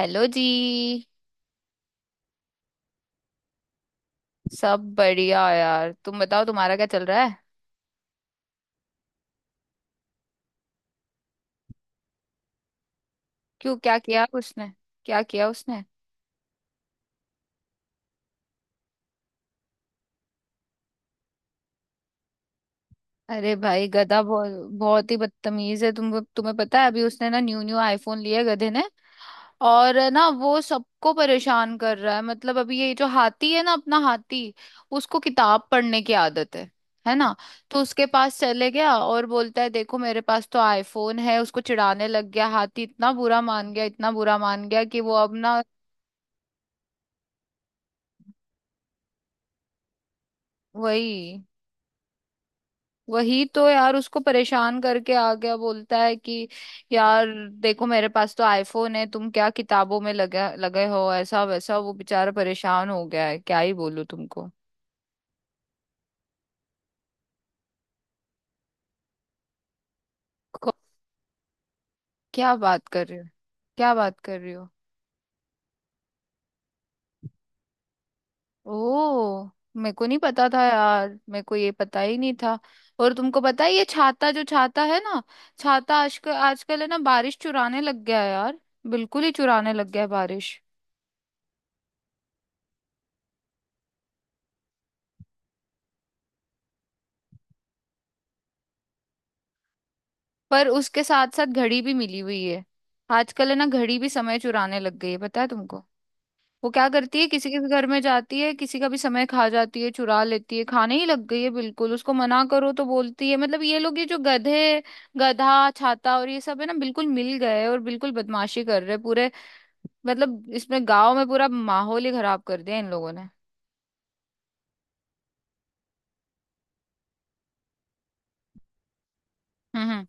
Hello जी। सब बढ़िया यार, तुम बताओ तुम्हारा क्या चल रहा है। क्यों, क्या किया उसने? क्या किया उसने? अरे भाई गधा बहुत बहुत ही बदतमीज है। तुम्हें पता है अभी उसने ना न्यू न्यू आईफोन लिया है गधे ने। और ना वो सबको परेशान कर रहा है। मतलब अभी ये जो हाथी है ना, अपना हाथी, उसको किताब पढ़ने की आदत है ना। तो उसके पास चले गया और बोलता है देखो मेरे पास तो आईफोन है। उसको चिढ़ाने लग गया। हाथी इतना बुरा मान गया, इतना बुरा मान गया कि वो अब ना वही वही तो यार, उसको परेशान करके आ गया, बोलता है कि यार देखो मेरे पास तो आईफोन है, तुम क्या किताबों में लगे लगे हो ऐसा वैसा। वो बेचारा परेशान हो गया है, क्या ही बोलूं तुमको। को- क्या बात कर रहे हो? क्या बात कर रही हो? ओ, मेरे को नहीं पता था यार, मेरे को ये पता ही नहीं था। और तुमको पता है ये छाता, जो छाता है ना, छाता आजकल आजकल है ना बारिश चुराने लग गया है यार। बिल्कुल ही चुराने लग गया है बारिश। पर उसके साथ साथ घड़ी भी मिली हुई है। आजकल है ना घड़ी भी समय चुराने लग गई है, पता है तुमको। वो क्या करती है, किसी के घर में जाती है, किसी का भी समय खा जाती है, चुरा लेती है, खाने ही लग गई है बिल्कुल। उसको मना करो तो बोलती है। मतलब ये लोग, ये जो गधे, गधा, छाता और ये सब है ना, बिल्कुल मिल गए और बिल्कुल बदमाशी कर रहे हैं पूरे। मतलब इसमें गांव में पूरा माहौल ही खराब कर दिया इन लोगों ने। हम्म हम्म,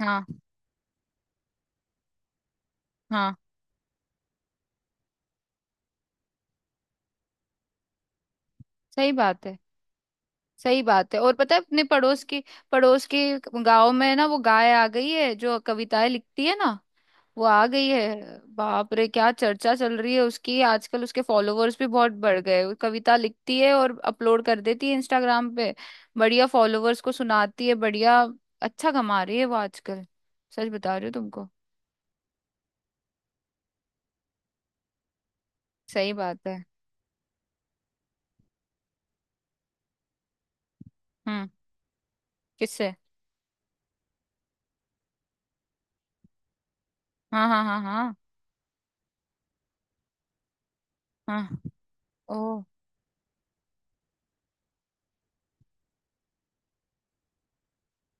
हाँ हाँ। सही बात है, सही बात है। और पता है अपने पड़ोस के, पड़ोस के गांव में ना वो गाय आ गई है जो कविताएं लिखती है ना। वो आ गई है, बाप रे क्या चर्चा चल रही है उसकी आजकल। उसके फॉलोवर्स भी बहुत बढ़ गए। वो कविता लिखती है और अपलोड कर देती है इंस्टाग्राम पे। बढ़िया, फॉलोवर्स को सुनाती है। बढ़िया, अच्छा कमा रही है वो आजकल। सच बता रही हूँ तुमको। सही बात है। हम्म, किससे? हाँ हाँ हाँ हाँ, हाँ, ओ।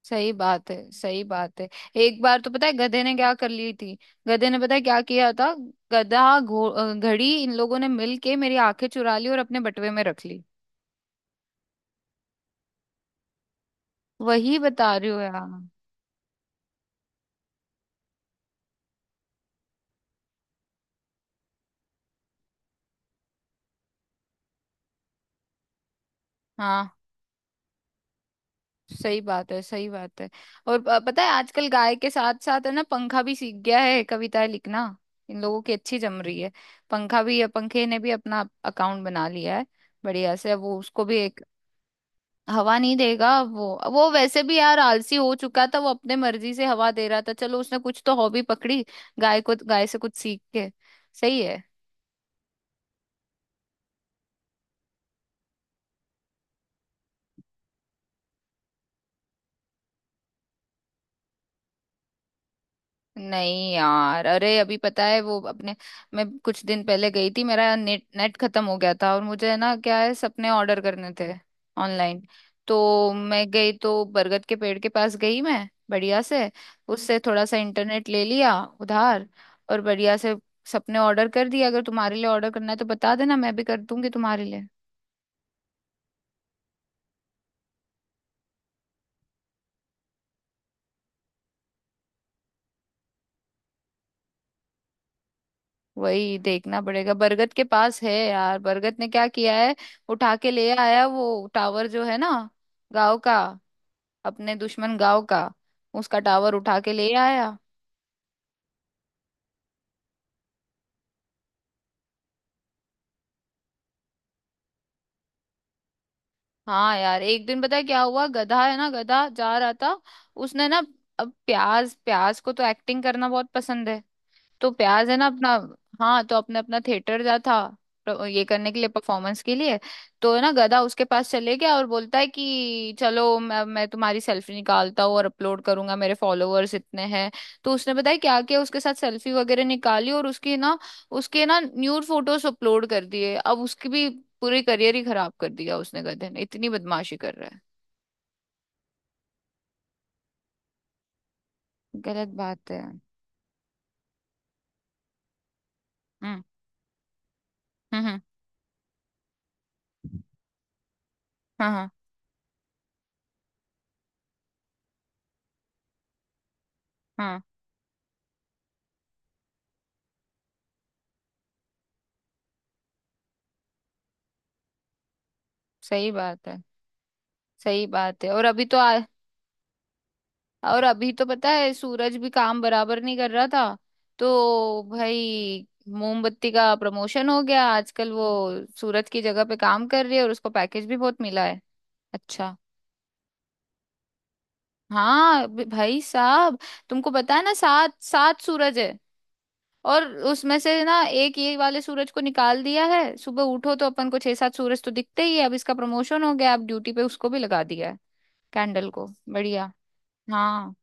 सही बात है, सही बात है। एक बार तो पता है गधे ने क्या कर ली थी। गधे ने पता है क्या किया था। गधा घड़ी इन लोगों ने मिल के मेरी आंखें चुरा ली और अपने बटुए में रख ली। वही बता रही हो यार। हाँ। सही बात है, सही बात है। और पता है आजकल गाय के साथ साथ है ना पंखा भी सीख गया है कविताएं लिखना। इन लोगों की अच्छी जम रही है। पंखा भी, पंखे ने भी अपना अकाउंट बना लिया है। बढ़िया से अब वो उसको भी एक हवा नहीं देगा वो। वो वैसे भी यार आलसी हो चुका था, वो अपने मर्जी से हवा दे रहा था, चलो उसने कुछ तो हॉबी पकड़ी। गाय को, गाय से कुछ सीख के। सही है। नहीं यार, अरे अभी पता है वो अपने, मैं कुछ दिन पहले गई थी मेरा नेट नेट खत्म हो गया था और मुझे ना क्या है सपने ऑर्डर करने थे ऑनलाइन। तो मैं गई तो बरगद के पेड़ के पास गई मैं बढ़िया से। उससे थोड़ा सा इंटरनेट ले लिया, उधार। और बढ़िया से सपने ऑर्डर कर दिया। अगर तुम्हारे लिए ऑर्डर करना है तो बता देना, मैं भी कर दूंगी तुम्हारे लिए। वही देखना पड़ेगा। बरगद के पास है यार, बरगद ने क्या किया है, उठा के ले आया वो टावर जो है ना गाँव का, अपने दुश्मन गांव का, उसका टावर उठा के ले आया। हाँ यार एक दिन पता है क्या हुआ, गधा है ना, गधा जा रहा था, उसने ना, अब प्याज, प्याज को तो एक्टिंग करना बहुत पसंद है। तो प्याज है ना अपना, हाँ तो अपने अपना थिएटर जा था, ये करने के लिए, परफॉर्मेंस के लिए। तो है ना गधा उसके पास चले गया और बोलता है कि चलो मैं तुम्हारी सेल्फी निकालता हूँ और अपलोड करूंगा, मेरे फॉलोअर्स इतने हैं। तो उसने बताया क्या किया उसके साथ, सेल्फी वगैरह निकाली और उसकी ना, उसके ना न्यूड फोटोज अपलोड कर दिए। अब उसकी भी पूरी करियर ही खराब कर दिया उसने गधे ने, इतनी बदमाशी कर रहा है। गलत बात है। हम्म हम्म, हाँ हाँ हाँ। सही बात है, सही बात है। और अभी तो पता है सूरज भी काम बराबर नहीं कर रहा था। तो भाई मोमबत्ती का प्रमोशन हो गया आजकल। वो सूरज की जगह पे काम कर रही है और उसको पैकेज भी बहुत मिला है। अच्छा। हाँ भाई साहब, तुमको पता है ना सात सात सूरज है। और उसमें से ना एक ये वाले सूरज को निकाल दिया है। सुबह उठो तो अपन को छह सात सूरज तो दिखते ही है। अब इसका प्रमोशन हो गया, अब ड्यूटी पे उसको भी लगा दिया है, कैंडल को। बढ़िया। हाँ,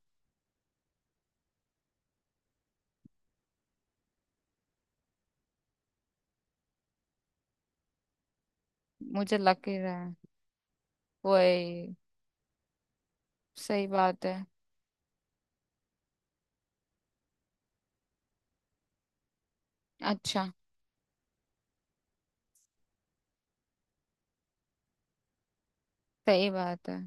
मुझे लग ही रहा है। वही, सही बात है। अच्छा, सही बात है।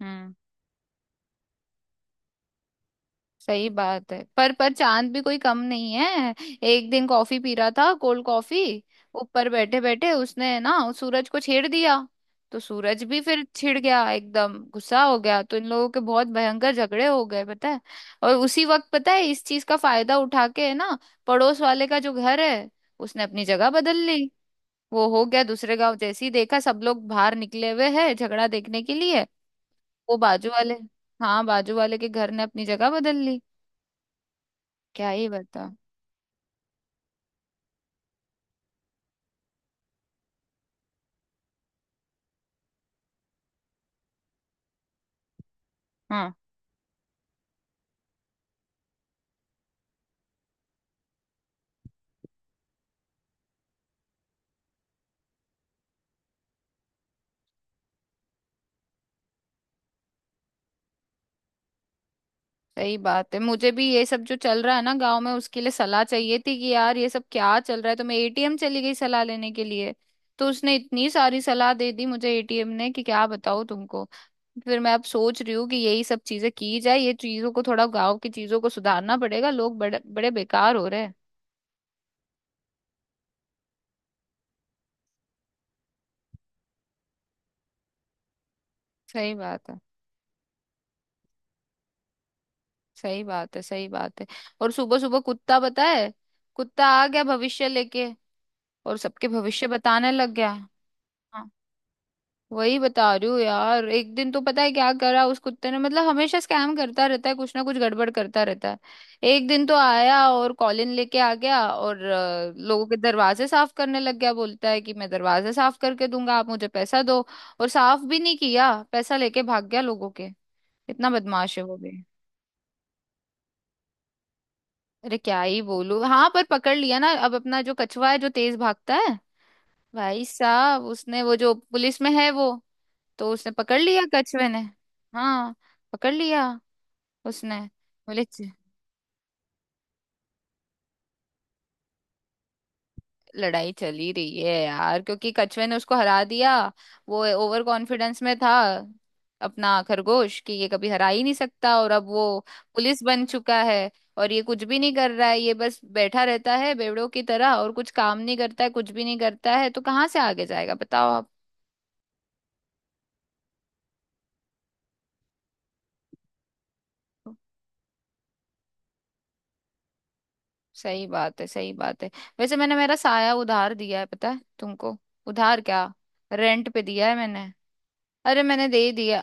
हम्म, सही बात है। पर चांद भी कोई कम नहीं है। एक दिन कॉफी पी रहा था, कोल्ड कॉफी, ऊपर बैठे बैठे उसने ना उस सूरज को छेड़ दिया। तो सूरज भी फिर छिड़ गया, एकदम गुस्सा हो गया। तो इन लोगों के बहुत भयंकर झगड़े हो गए, पता है। और उसी वक्त पता है इस चीज का फायदा उठा के ना, पड़ोस वाले का जो घर है, उसने अपनी जगह बदल ली। वो हो गया दूसरे गांव। जैसे ही देखा सब लोग बाहर निकले हुए हैं झगड़ा देखने के लिए, वो बाजू वाले, हाँ, बाजू वाले के घर ने अपनी जगह बदल ली। क्या ही बता। हाँ, सही बात है। मुझे भी ये सब जो चल रहा है ना गांव में उसके लिए सलाह चाहिए थी कि यार ये सब क्या चल रहा है। तो मैं एटीएम चली गई सलाह लेने के लिए। तो उसने इतनी सारी सलाह दे दी मुझे एटीएम ने कि क्या बताऊँ तुमको। फिर मैं अब सोच रही हूँ कि यही सब चीजें की जाए, ये चीजों को, थोड़ा गांव की चीजों को सुधारना पड़ेगा। लोग बड़े बड़े बेकार हो रहे हैं। सही बात है, सही बात है, सही बात है। और सुबह सुबह कुत्ता, पता है, कुत्ता आ गया भविष्य लेके और सबके भविष्य बताने लग गया। हाँ, वही बता रही हूँ यार। एक दिन तो पता है क्या करा उस कुत्ते ने, मतलब हमेशा स्कैम करता रहता है, कुछ ना कुछ गड़बड़ करता रहता है। एक दिन तो आया और कॉलिन लेके आ गया और लोगों के दरवाजे साफ करने लग गया। बोलता है कि मैं दरवाजे साफ करके दूंगा, आप मुझे पैसा दो। और साफ भी नहीं किया, पैसा लेके भाग गया लोगों के। इतना बदमाश है वो भी। अरे क्या ही बोलू। हाँ, पर पकड़ लिया ना। अब अपना जो कछुआ है जो तेज भागता है, भाई साहब, उसने, वो जो पुलिस में है वो, तो उसने पकड़ लिया कछुए ने। हाँ, पकड़ लिया उसने। बोले लड़ाई चली रही है यार क्योंकि कछुए ने उसको हरा दिया। वो ओवर कॉन्फिडेंस में था अपना खरगोश, कि ये कभी हरा ही नहीं सकता। और अब वो पुलिस बन चुका है। और ये कुछ भी नहीं कर रहा है, ये बस बैठा रहता है बेवड़ों की तरह, और कुछ काम नहीं करता है, कुछ भी नहीं करता है। तो कहाँ से आगे जाएगा बताओ आप। सही बात है, सही बात है। वैसे मैंने मेरा साया उधार दिया है, पता है तुमको। उधार क्या? रेंट पे दिया है मैंने। अरे मैंने दे दिया।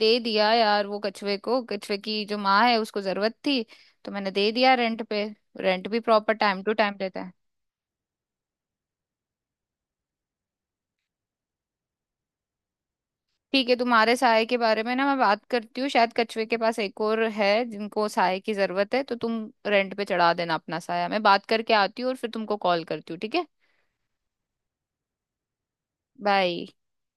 दे दिया यार वो कछुए को, कछुए की जो माँ है उसको जरूरत थी, तो मैंने दे दिया रेंट पे। रेंट भी प्रॉपर टाइम टू टाइम देता है। ठीक है, तुम्हारे साय के बारे में ना मैं बात करती हूँ, शायद कछुए के पास एक और है जिनको साय की जरूरत है, तो तुम रेंट पे चढ़ा देना अपना साया। मैं बात करके आती हूँ और फिर तुमको कॉल करती हूँ, ठीक है। बाय।